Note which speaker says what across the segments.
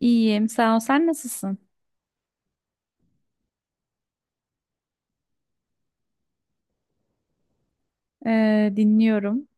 Speaker 1: İyiyim, sağ ol. Sen nasılsın? Dinliyorum.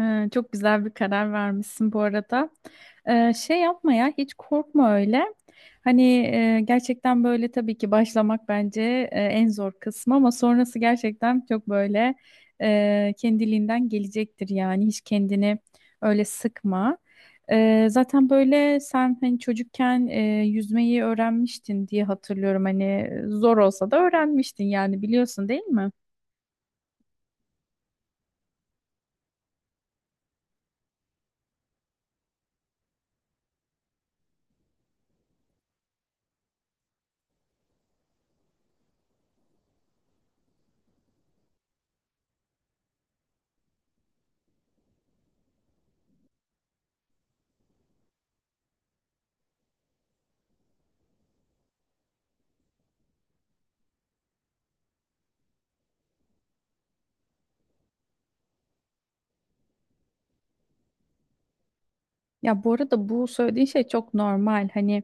Speaker 1: Çok güzel bir karar vermişsin bu arada. Şey yapma ya, hiç korkma öyle. Hani gerçekten böyle tabii ki başlamak bence en zor kısmı, ama sonrası gerçekten çok böyle kendiliğinden gelecektir yani. Hiç kendini öyle sıkma. Zaten böyle sen hani çocukken yüzmeyi öğrenmiştin diye hatırlıyorum. Hani zor olsa da öğrenmiştin yani, biliyorsun değil mi? Ya bu arada bu söylediğin şey çok normal. Hani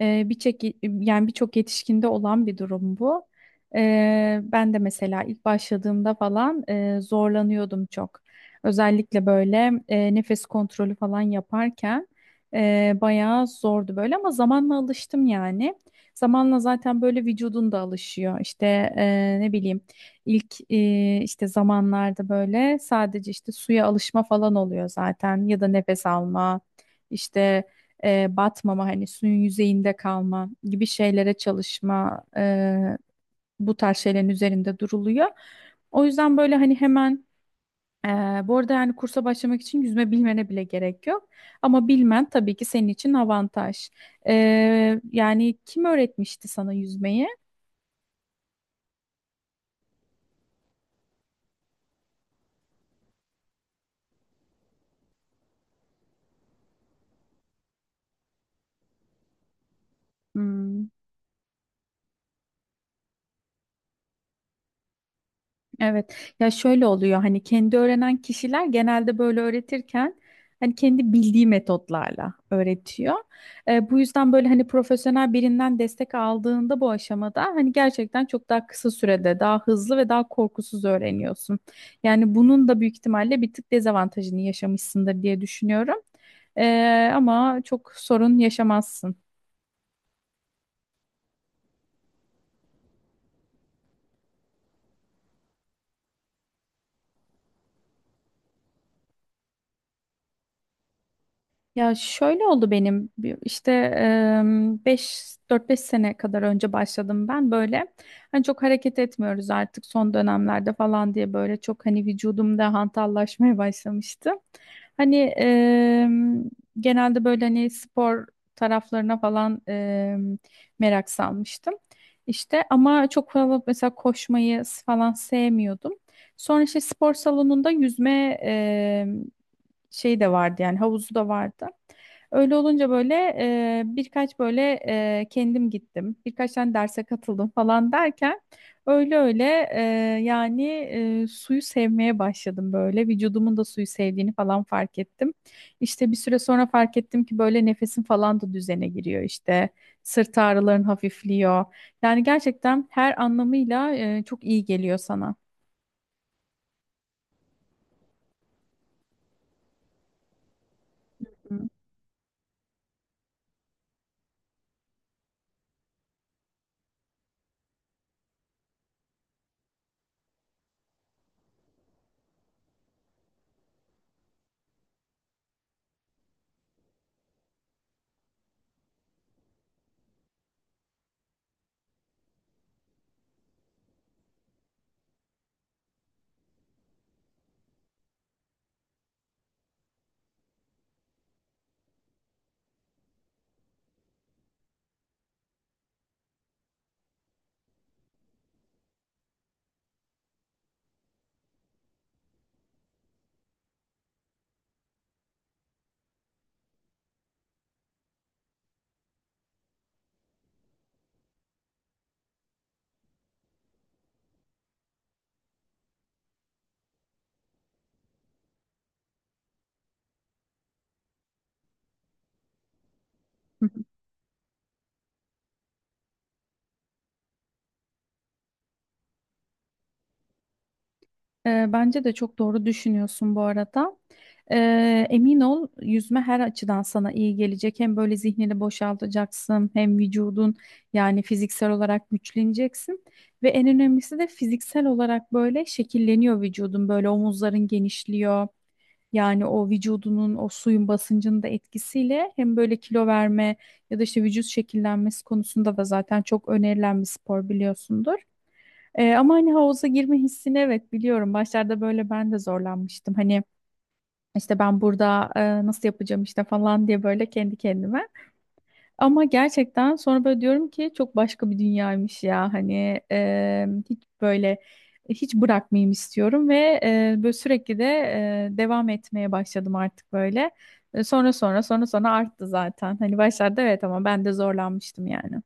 Speaker 1: e, birçok birçok yetişkinde olan bir durum bu. Ben de mesela ilk başladığımda falan zorlanıyordum çok. Özellikle böyle nefes kontrolü falan yaparken bayağı zordu böyle, ama zamanla alıştım yani. Zamanla zaten böyle vücudun da alışıyor. İşte ne bileyim, ilk işte zamanlarda böyle sadece işte suya alışma falan oluyor zaten, ya da nefes alma işte, batmama, hani suyun yüzeyinde kalma gibi şeylere çalışma, bu tarz şeylerin üzerinde duruluyor. O yüzden böyle hani hemen, e, bu arada yani kursa başlamak için yüzme bilmene bile gerek yok. Ama bilmen tabii ki senin için avantaj. E, yani kim öğretmişti sana yüzmeyi? Hmm. Evet. Ya şöyle oluyor, hani kendi öğrenen kişiler genelde böyle öğretirken hani kendi bildiği metotlarla öğretiyor. Bu yüzden böyle hani profesyonel birinden destek aldığında bu aşamada hani gerçekten çok daha kısa sürede, daha hızlı ve daha korkusuz öğreniyorsun. Yani bunun da büyük ihtimalle bir tık dezavantajını yaşamışsındır diye düşünüyorum. Ama çok sorun yaşamazsın. Ya şöyle oldu, benim işte 4-5 sene kadar önce başladım ben, böyle hani çok hareket etmiyoruz artık son dönemlerde falan diye böyle çok hani vücudumda hantallaşmaya başlamıştı. Hani genelde böyle hani spor taraflarına falan, merak salmıştım. İşte ama çok fazla mesela koşmayı falan sevmiyordum. Sonra işte spor salonunda yüzme şey de vardı, yani havuzu da vardı. Öyle olunca böyle birkaç böyle, kendim gittim. Birkaç tane derse katıldım falan derken, öyle öyle, e, yani, suyu sevmeye başladım böyle. Vücudumun da suyu sevdiğini falan fark ettim. İşte bir süre sonra fark ettim ki böyle nefesim falan da düzene giriyor işte. Sırt ağrıların hafifliyor. Yani gerçekten her anlamıyla çok iyi geliyor sana. Hı. Bence de çok doğru düşünüyorsun bu arada. Emin ol, yüzme her açıdan sana iyi gelecek. Hem böyle zihnini boşaltacaksın, hem vücudun yani fiziksel olarak güçleneceksin. Ve en önemlisi de fiziksel olarak böyle şekilleniyor vücudun. Böyle omuzların genişliyor. Yani o vücudunun, o suyun basıncının da etkisiyle hem böyle kilo verme ya da işte vücut şekillenmesi konusunda da zaten çok önerilen bir spor, biliyorsundur. Ama hani havuza girme hissini, evet, biliyorum. Başlarda böyle ben de zorlanmıştım. Hani işte ben burada nasıl yapacağım işte falan diye böyle kendi kendime. Ama gerçekten sonra böyle diyorum ki çok başka bir dünyaymış ya hani, hiç böyle hiç bırakmayayım istiyorum ve böyle sürekli de devam etmeye başladım artık böyle. Sonra sonra sonra sonra arttı zaten. Hani başlarda evet, ama ben de zorlanmıştım yani.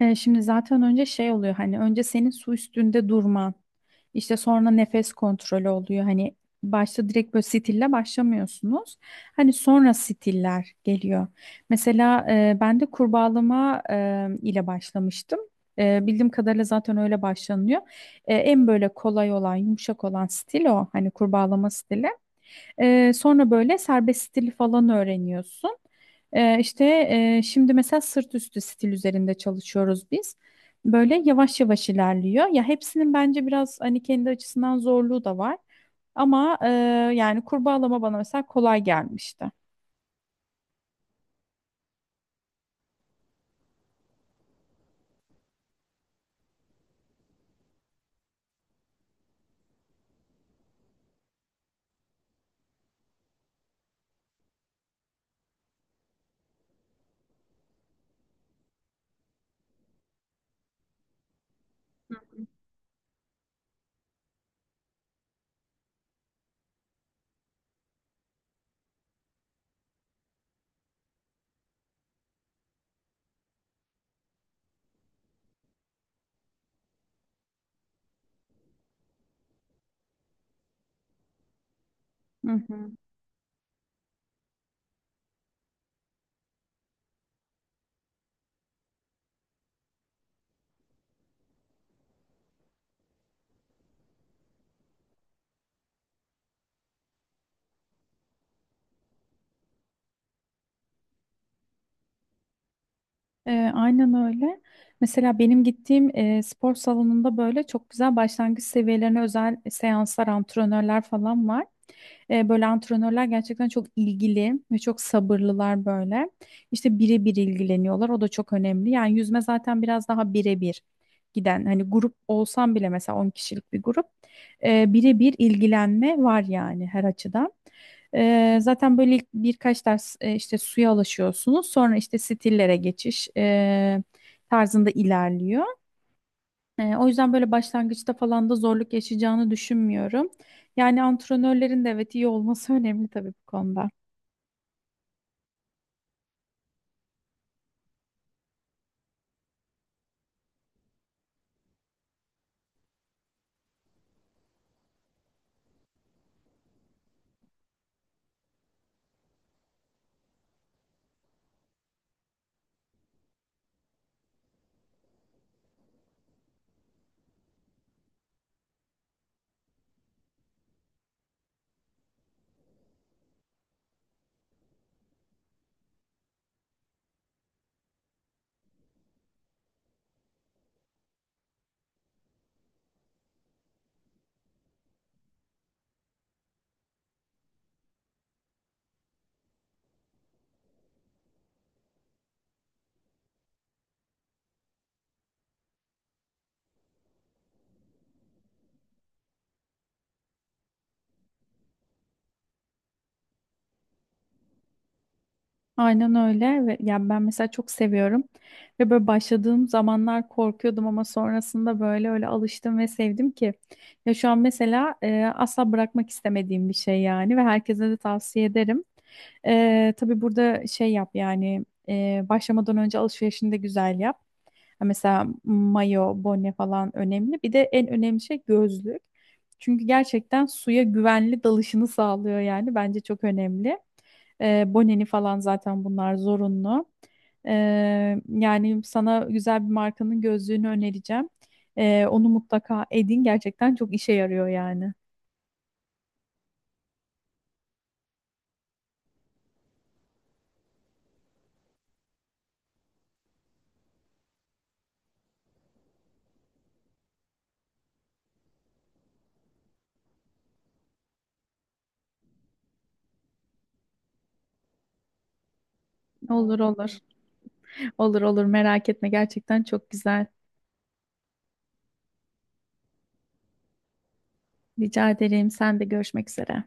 Speaker 1: Şimdi zaten önce şey oluyor, hani önce senin su üstünde durman, işte sonra nefes kontrolü oluyor, hani başta direkt böyle stille başlamıyorsunuz, hani sonra stiller geliyor. Mesela ben de kurbağalama ile başlamıştım. Bildiğim kadarıyla zaten öyle başlanıyor. En böyle kolay olan, yumuşak olan stil o, hani kurbağalama stili. Sonra böyle serbest stili falan öğreniyorsun. Ee, işte, şimdi mesela sırt üstü stil üzerinde çalışıyoruz biz. Böyle yavaş yavaş ilerliyor. Ya hepsinin bence biraz hani kendi açısından zorluğu da var. Ama yani kurbağalama bana mesela kolay gelmişti. Hı hı. Aynen öyle. Mesela benim gittiğim spor salonunda böyle çok güzel başlangıç seviyelerine özel seanslar, antrenörler falan var. Böyle antrenörler gerçekten çok ilgili ve çok sabırlılar böyle. İşte birebir ilgileniyorlar. O da çok önemli. Yani yüzme zaten biraz daha birebir giden. Hani grup olsam bile, mesela 10 kişilik bir grup. Birebir ilgilenme var yani, her açıdan. Zaten böyle ilk birkaç ders, işte suya alışıyorsunuz. Sonra işte stillere geçiş, tarzında ilerliyor. O yüzden böyle başlangıçta falan da zorluk yaşayacağını düşünmüyorum. Yani antrenörlerin de evet iyi olması önemli tabii bu konuda. Aynen öyle. Ve yani ben mesela çok seviyorum, ve böyle başladığım zamanlar korkuyordum ama sonrasında böyle öyle alıştım ve sevdim ki, ya şu an mesela asla bırakmak istemediğim bir şey yani, ve herkese de tavsiye ederim. Tabii burada şey yap yani, başlamadan önce alışverişini de güzel yap. Ha, mesela mayo, bone falan önemli. Bir de en önemli şey gözlük. Çünkü gerçekten suya güvenli dalışını sağlıyor yani. Bence çok önemli. Boneni falan zaten, bunlar zorunlu. Ee, yani sana güzel bir markanın gözlüğünü önereceğim. Onu mutlaka edin. Gerçekten çok işe yarıyor yani. Olur olur. Olur olur, merak etme, gerçekten çok güzel. Rica ederim. Sen de, görüşmek üzere.